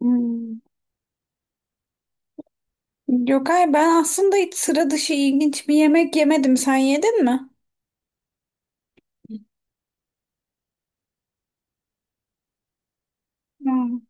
Hmm. Gökay, ben aslında hiç sıra dışı ilginç bir yemek yemedim. Sen yedin mi? Hmm.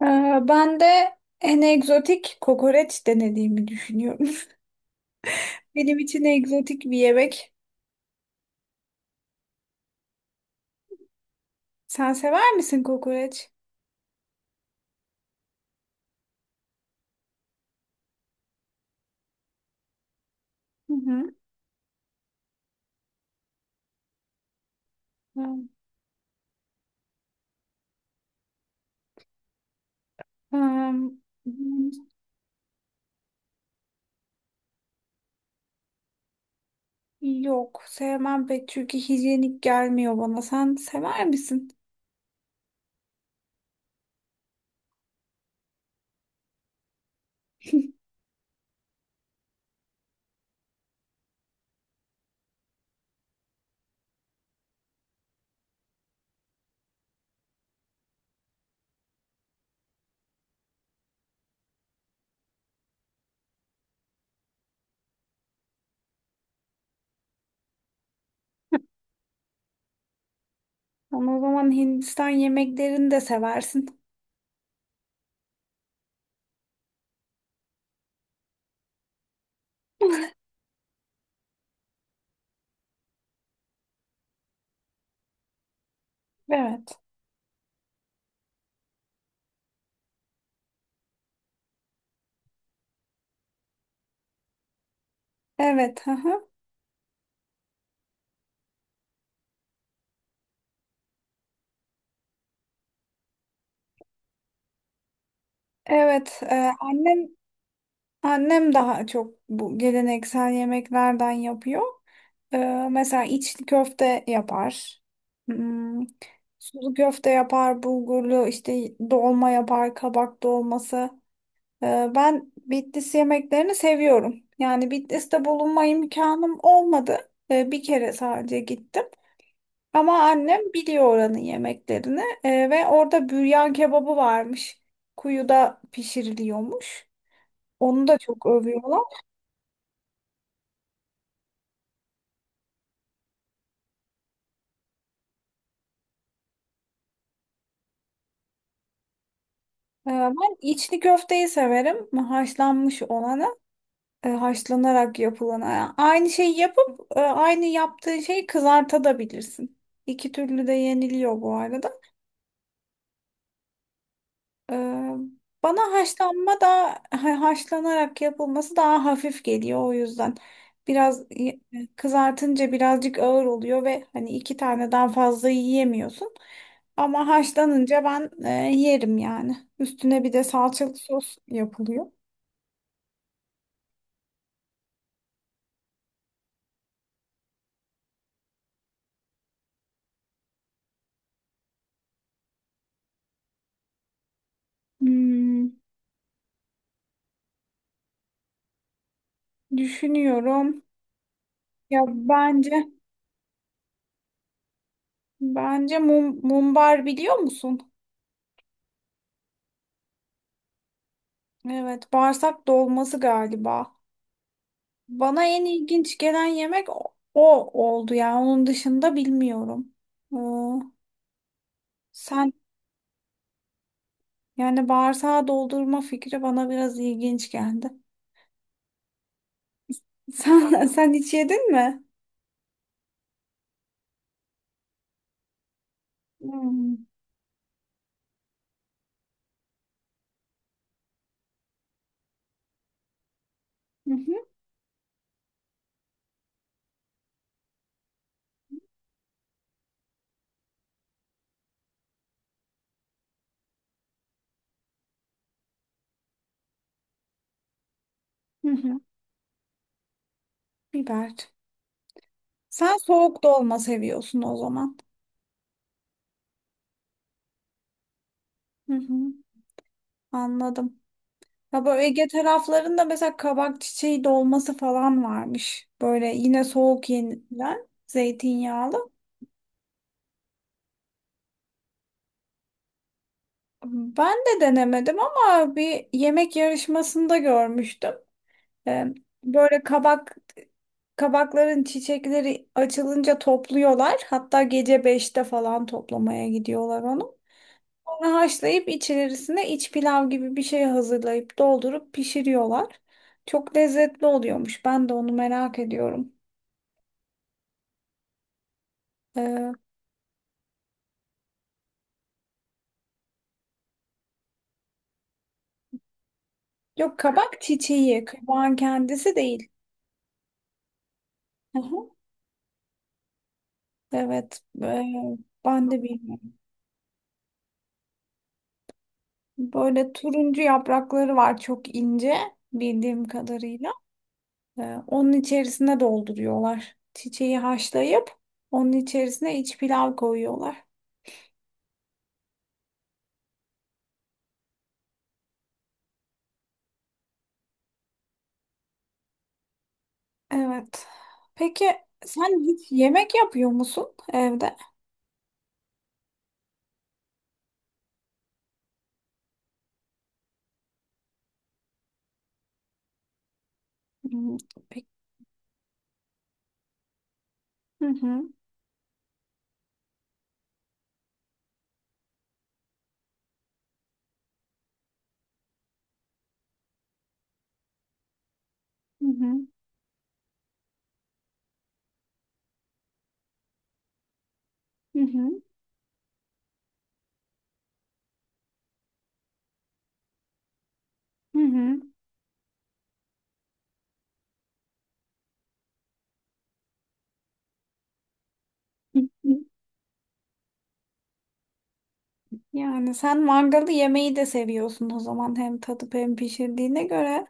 Ee, Ben de en egzotik kokoreç denediğimi düşünüyorum. Benim için egzotik bir yemek. Sen sever misin kokoreç? Hı hı. Hmm. Hmm, yok sevmem pek çünkü hijyenik gelmiyor bana. Sen sever misin? Ama o zaman Hindistan yemeklerini de seversin. Evet. Evet. Hı hı. Evet. Annem daha çok bu geleneksel yemeklerden yapıyor. Ee, Mesela içli köfte yapar. Hmm, sulu köfte yapar, bulgurlu işte dolma yapar, kabak dolması. Ben Bitlis yemeklerini seviyorum. Yani Bitlis'te bulunma imkanım olmadı. Bir kere sadece gittim. Ama annem biliyor oranın yemeklerini. Ve orada büryan kebabı varmış. Kuyuda pişiriliyormuş. Onu da çok övüyorlar. Ben içli köfteyi severim. Haşlanmış olanı, haşlanarak yapılanı. Yani aynı şeyi yapıp aynı yaptığın şeyi kızartabilirsin. İki türlü de yeniliyor bu arada. Ee, Bana haşlanma da haşlanarak yapılması daha hafif geliyor o yüzden. Biraz kızartınca birazcık ağır oluyor ve hani iki taneden fazla yiyemiyorsun. Ama haşlanınca ben yerim yani. Üstüne bir de salçalı sos yapılıyor. Hmm, düşünüyorum. Ya bence mumbar biliyor musun? Evet, bağırsak dolması galiba. Bana en ilginç gelen yemek o oldu ya. Onun dışında bilmiyorum. Ee, Sen, yani bağırsağı doldurma fikri bana biraz ilginç geldi. Sen, sen hiç yedin mi? Hmm. Hı hı, hı hı. Biber. Sen soğuk dolma seviyorsun o zaman. Hı hı. Anladım. Ya böyle Ege taraflarında mesela kabak çiçeği dolması falan varmış. Böyle yine soğuk yenilen zeytinyağlı. Ben de denemedim ama bir yemek yarışmasında görmüştüm. Ee, Böyle kabakların çiçekleri açılınca topluyorlar. Hatta gece beşte falan toplamaya gidiyorlar onu. Sonra haşlayıp içerisine iç pilav gibi bir şey hazırlayıp doldurup pişiriyorlar. Çok lezzetli oluyormuş. Ben de onu merak ediyorum. Ee, Yok, kabak çiçeği, kabağın kendisi değil. Hı hı. Evet, ben de bilmiyorum. Böyle turuncu yaprakları var, çok ince bildiğim kadarıyla. Onun içerisine dolduruyorlar. Çiçeği haşlayıp onun içerisine iç pilav koyuyorlar. Evet. Peki sen hiç yemek yapıyor musun evde? Hmm. Peki. Hı hı. Hı hı. Hı hı. Hı hı. Yani sen mangalı yemeyi de seviyorsun o zaman, hem tadıp hem pişirdiğine göre.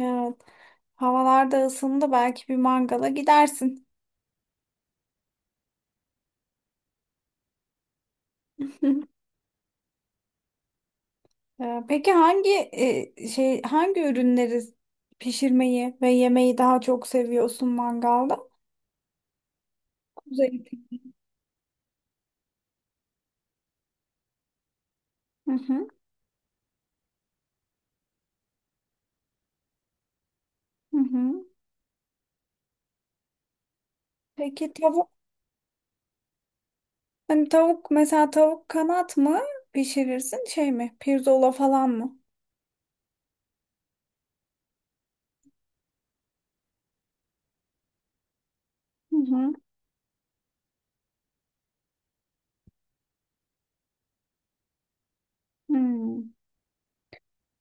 Evet. Havalar da ısındı, belki bir mangala gidersin. Peki hangi hangi ürünleri pişirmeyi ve yemeyi daha çok seviyorsun mangalda? Kuzu eti. Hı hı, hı hı. Peki tavuk, mesela tavuk kanat mı pişirirsin, şey mi pirzola falan mı? Hı hı. Hmm.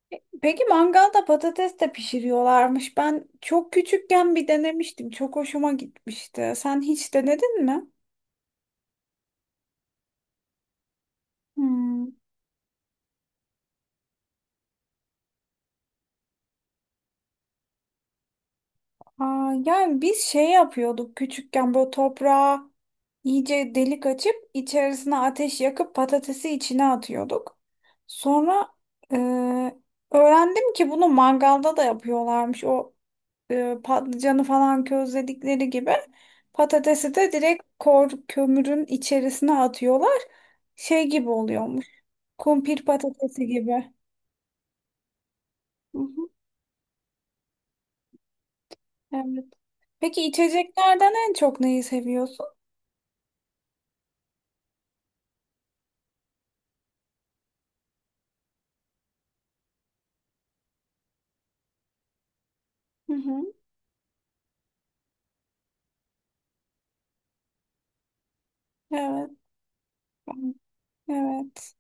Peki mangalda patates de pişiriyorlarmış. Ben çok küçükken bir denemiştim. Çok hoşuma gitmişti. Sen hiç denedin mi? Hmm. Aa, yani biz şey yapıyorduk küçükken, böyle toprağa iyice delik açıp içerisine ateş yakıp patatesi içine atıyorduk. Sonra e, öğrendim ki bunu mangalda da yapıyorlarmış. O patlıcanı falan közledikleri gibi patatesi de direkt kor kömürün içerisine atıyorlar. Şey gibi oluyormuş. Kumpir patatesi gibi. Hı hı, evet. Peki içeceklerden en çok neyi seviyorsun? Hı hı, evet. Evet.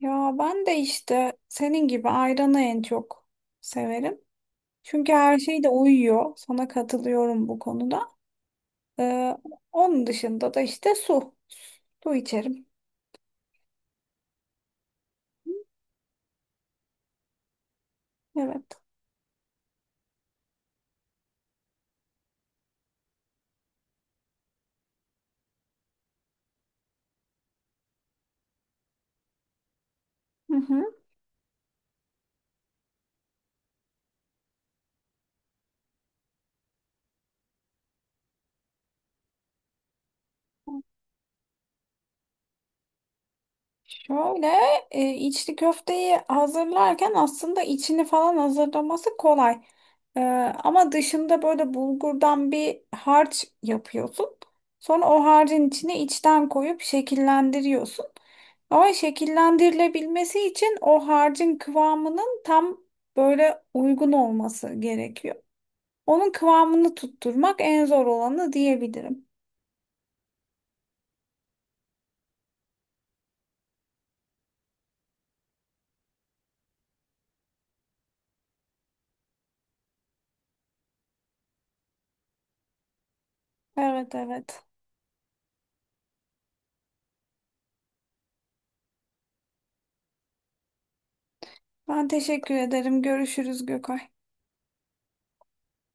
Ya ben de işte senin gibi ayranı en çok severim. Çünkü her şey de uyuyor. Sana katılıyorum bu konuda. Ee, Onun dışında da işte su. Su içerim. Evet. Hı hı. Şöyle içli köfteyi hazırlarken aslında içini falan hazırlaması kolay. E, Ama dışında böyle bulgurdan bir harç yapıyorsun. Sonra o harcın içine içten koyup şekillendiriyorsun. Ama şekillendirilebilmesi için o harcın kıvamının tam böyle uygun olması gerekiyor. Onun kıvamını tutturmak en zor olanı diyebilirim. Evet, evet. Ben teşekkür ederim. Görüşürüz Gökay.